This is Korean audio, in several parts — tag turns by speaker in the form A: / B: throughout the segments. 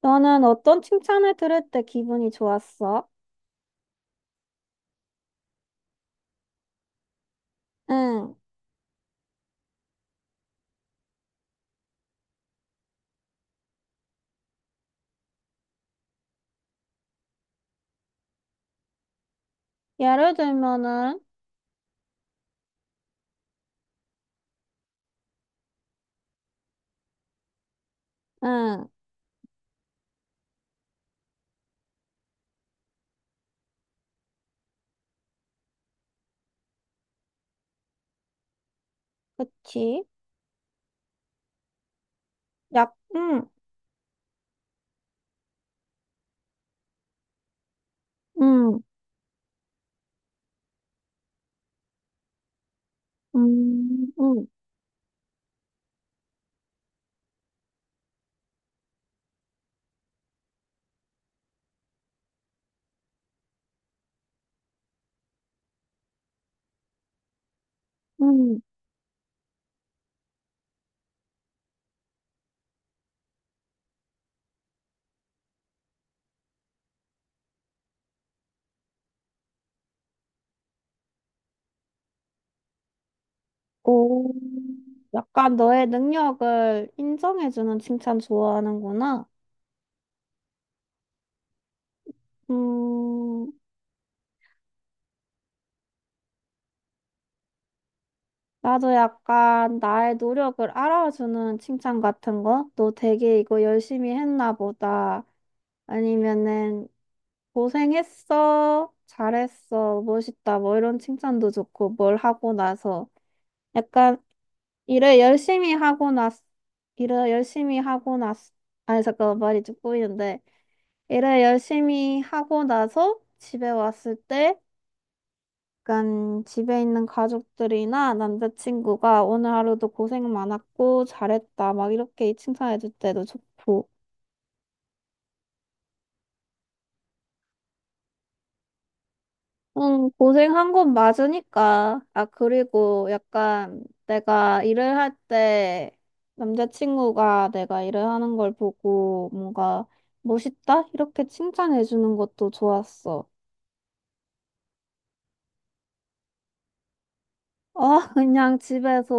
A: 너는 어떤 칭찬을 들을 때 기분이 좋았어? 응. 예를 들면은, 응. 그치. 응, 응, 응, 응. 오. 약간 너의 능력을 인정해주는 칭찬 좋아하는구나. 음, 나도 약간 나의 노력을 알아주는 칭찬 같은 거? 너 되게 이거 열심히 했나 보다. 아니면은, 고생했어. 잘했어. 멋있다. 뭐 이런 칭찬도 좋고, 뭘 하고 나서. 약간, 일을 열심히 하고 났, 일을 열심히 하고 났, 아니, 잠깐만, 말이 좀 꼬이는데. 일을 열심히 하고 나서 집에 왔을 때, 약간 집에 있는 가족들이나 남자친구가 오늘 하루도 고생 많았고, 잘했다. 막 이렇게 칭찬해줄 때도 좋고. 응, 고생한 건 맞으니까. 아, 그리고 약간 내가 일을 할 때 남자친구가 내가 일을 하는 걸 보고 뭔가 멋있다? 이렇게 칭찬해 주는 것도 좋았어. 어, 그냥 집에서,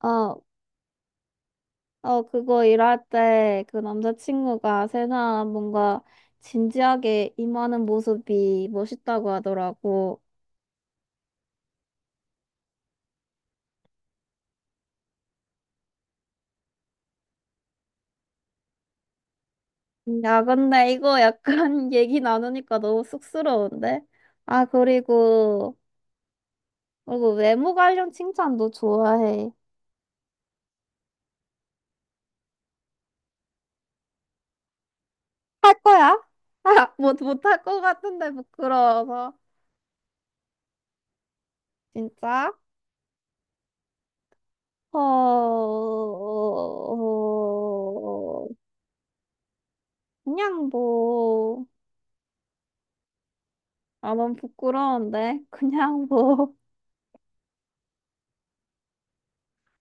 A: 어, 어, 그거 일할 때 그 남자친구가 세상 뭔가 진지하게 임하는 모습이 멋있다고 하더라고. 야, 근데 이거 약간 얘기 나누니까 너무 쑥스러운데? 아, 그리고 외모 관련 칭찬도 좋아해. 할 거야? 아, 못, 못할 것 같은데, 부끄러워서. 진짜? 어, 어, 그냥 뭐, 아, 넌 부끄러운데? 그냥 뭐,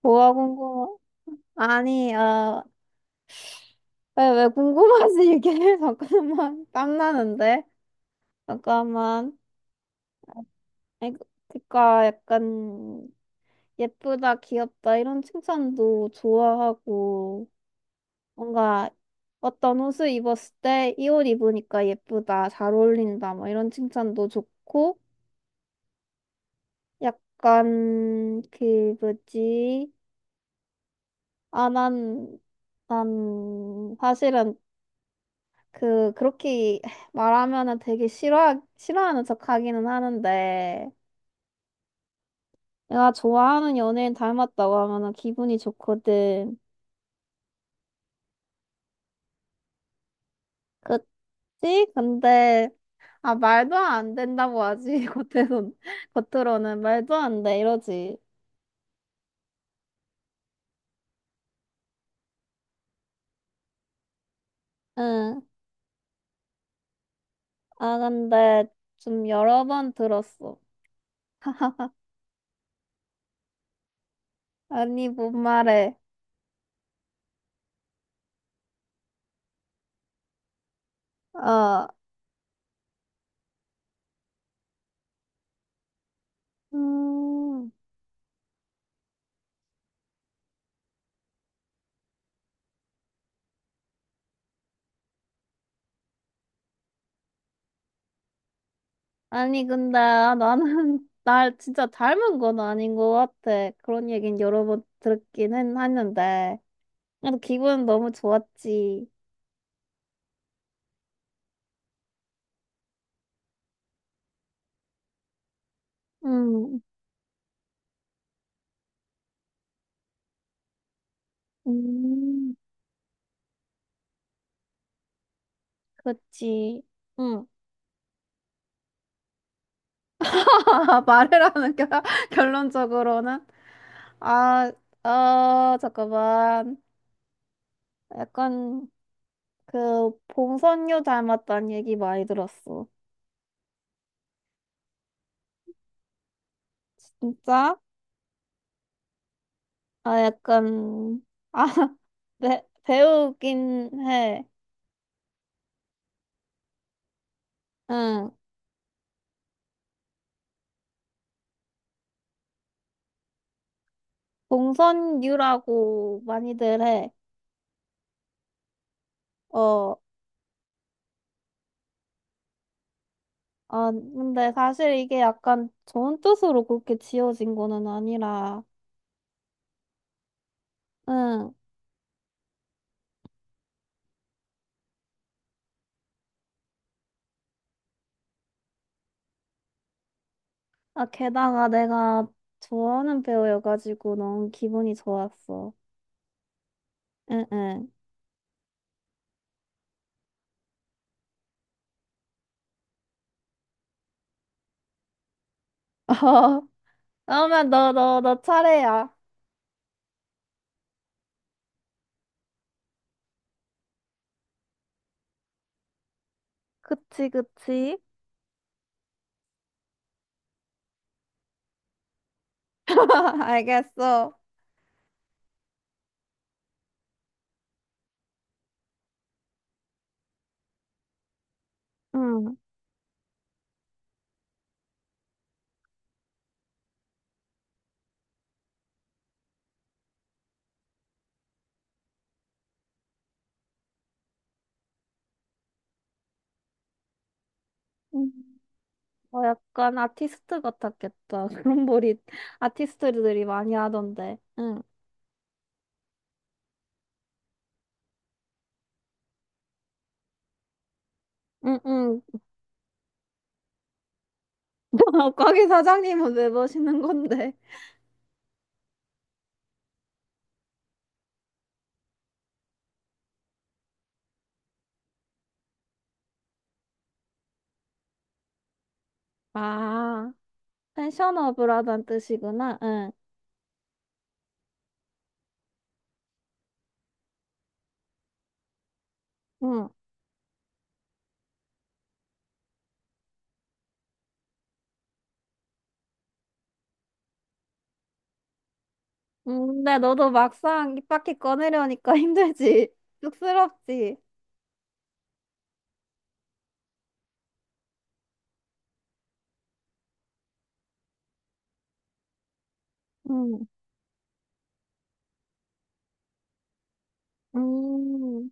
A: 뭐가 궁금해? 아니, 어, 왜 궁금하지, 이게? 잠깐만, 땀나는데? 잠깐만. 아니, 그, 그니까 약간 예쁘다, 귀엽다 이런 칭찬도 좋아하고 뭔가 어떤 옷을 입었을 때 이 옷 입으니까 예쁘다, 잘 어울린다 뭐 이런 칭찬도 좋고 약간 그 뭐지? 아, 난 사실은 그렇게 말하면은 되게 싫어하는 척하기는 하는데 내가 좋아하는 연예인 닮았다고 하면은 기분이 좋거든. 그 지 근데 아 말도 안 된다고 하지 겉에선 겉으로는 말도 안 돼 이러지 응 아 근데 좀 여러 번 들었어 아니 뭔 말해 어 음, 아니 근데 아, 나는 날 진짜 닮은 건 아닌 것 같아 그런 얘긴 여러 번 듣긴 했는데 그래도 기분은 너무 좋았지 음, 음, 그치 응. 말을 하는 결론적으로는 아, 잠깐만. 약간 그 봉선유 닮았다는 얘기 많이 들었어. 진짜? 아, 약간 아, 배우긴 해. 응. 봉선유라고 많이들 해. 어, 아, 근데 사실 이게 약간 좋은 뜻으로 그렇게 지어진 거는 아니라. 응. 아, 게다가 내가 좋아하는 배우여가지고 너무 기분이 좋았어. 응, 응. 어, 그러면 너 차례야. 그치, 그치. 알겠어. 응. 음, 약간 아티스트 같았겠다. 그런 머리 아티스트들이 많이 하던데. 응, 응, 응. 거기 사장님은 왜 보시는 건데? 아, 펜션업을 하단 뜻이구나. 응. 응. 근데 너도 막상 입 밖에 꺼내려니까 힘들지. 쑥스럽지. 음, 음.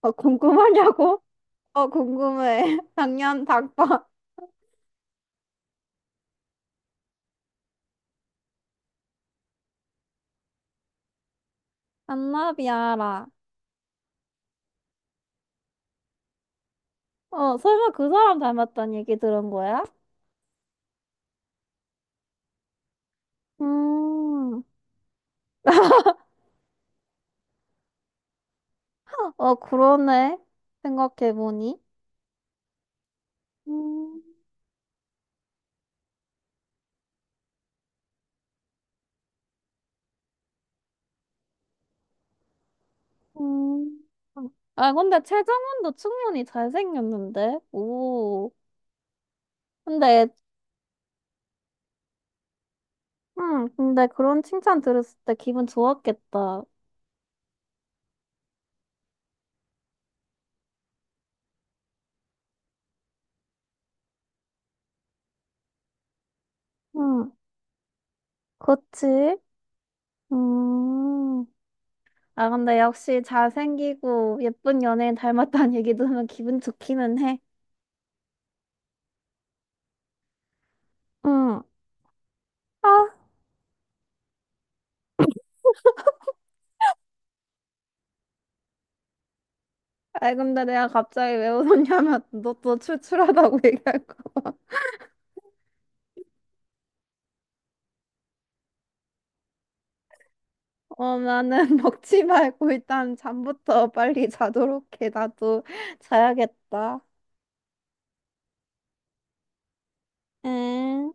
A: 어, 궁금하냐고? 어, 궁금해. 작년 닭발. 안나비아라. 어, 설마 그 사람 닮았다는 얘기 들은 거야? 음, 그러네. 생각해보니. 음, 음. 아, 근데 최정원도 충분히 잘생겼는데? 오. 근데, 근데 그런 칭찬 들었을 때 기분 좋았겠다. 응, 그치? 음. 아, 근데 역시 잘생기고 예쁜 연예인 닮았다는 얘기 들으면 기분 좋기는 해. 응. 아, 아이, 근데 내가 갑자기 왜 웃었냐면 너 또 출출하다고 얘기할까 봐. 어, 나는 먹지 말고 일단 잠부터 빨리 자도록 해. 나도 자야겠다. 응.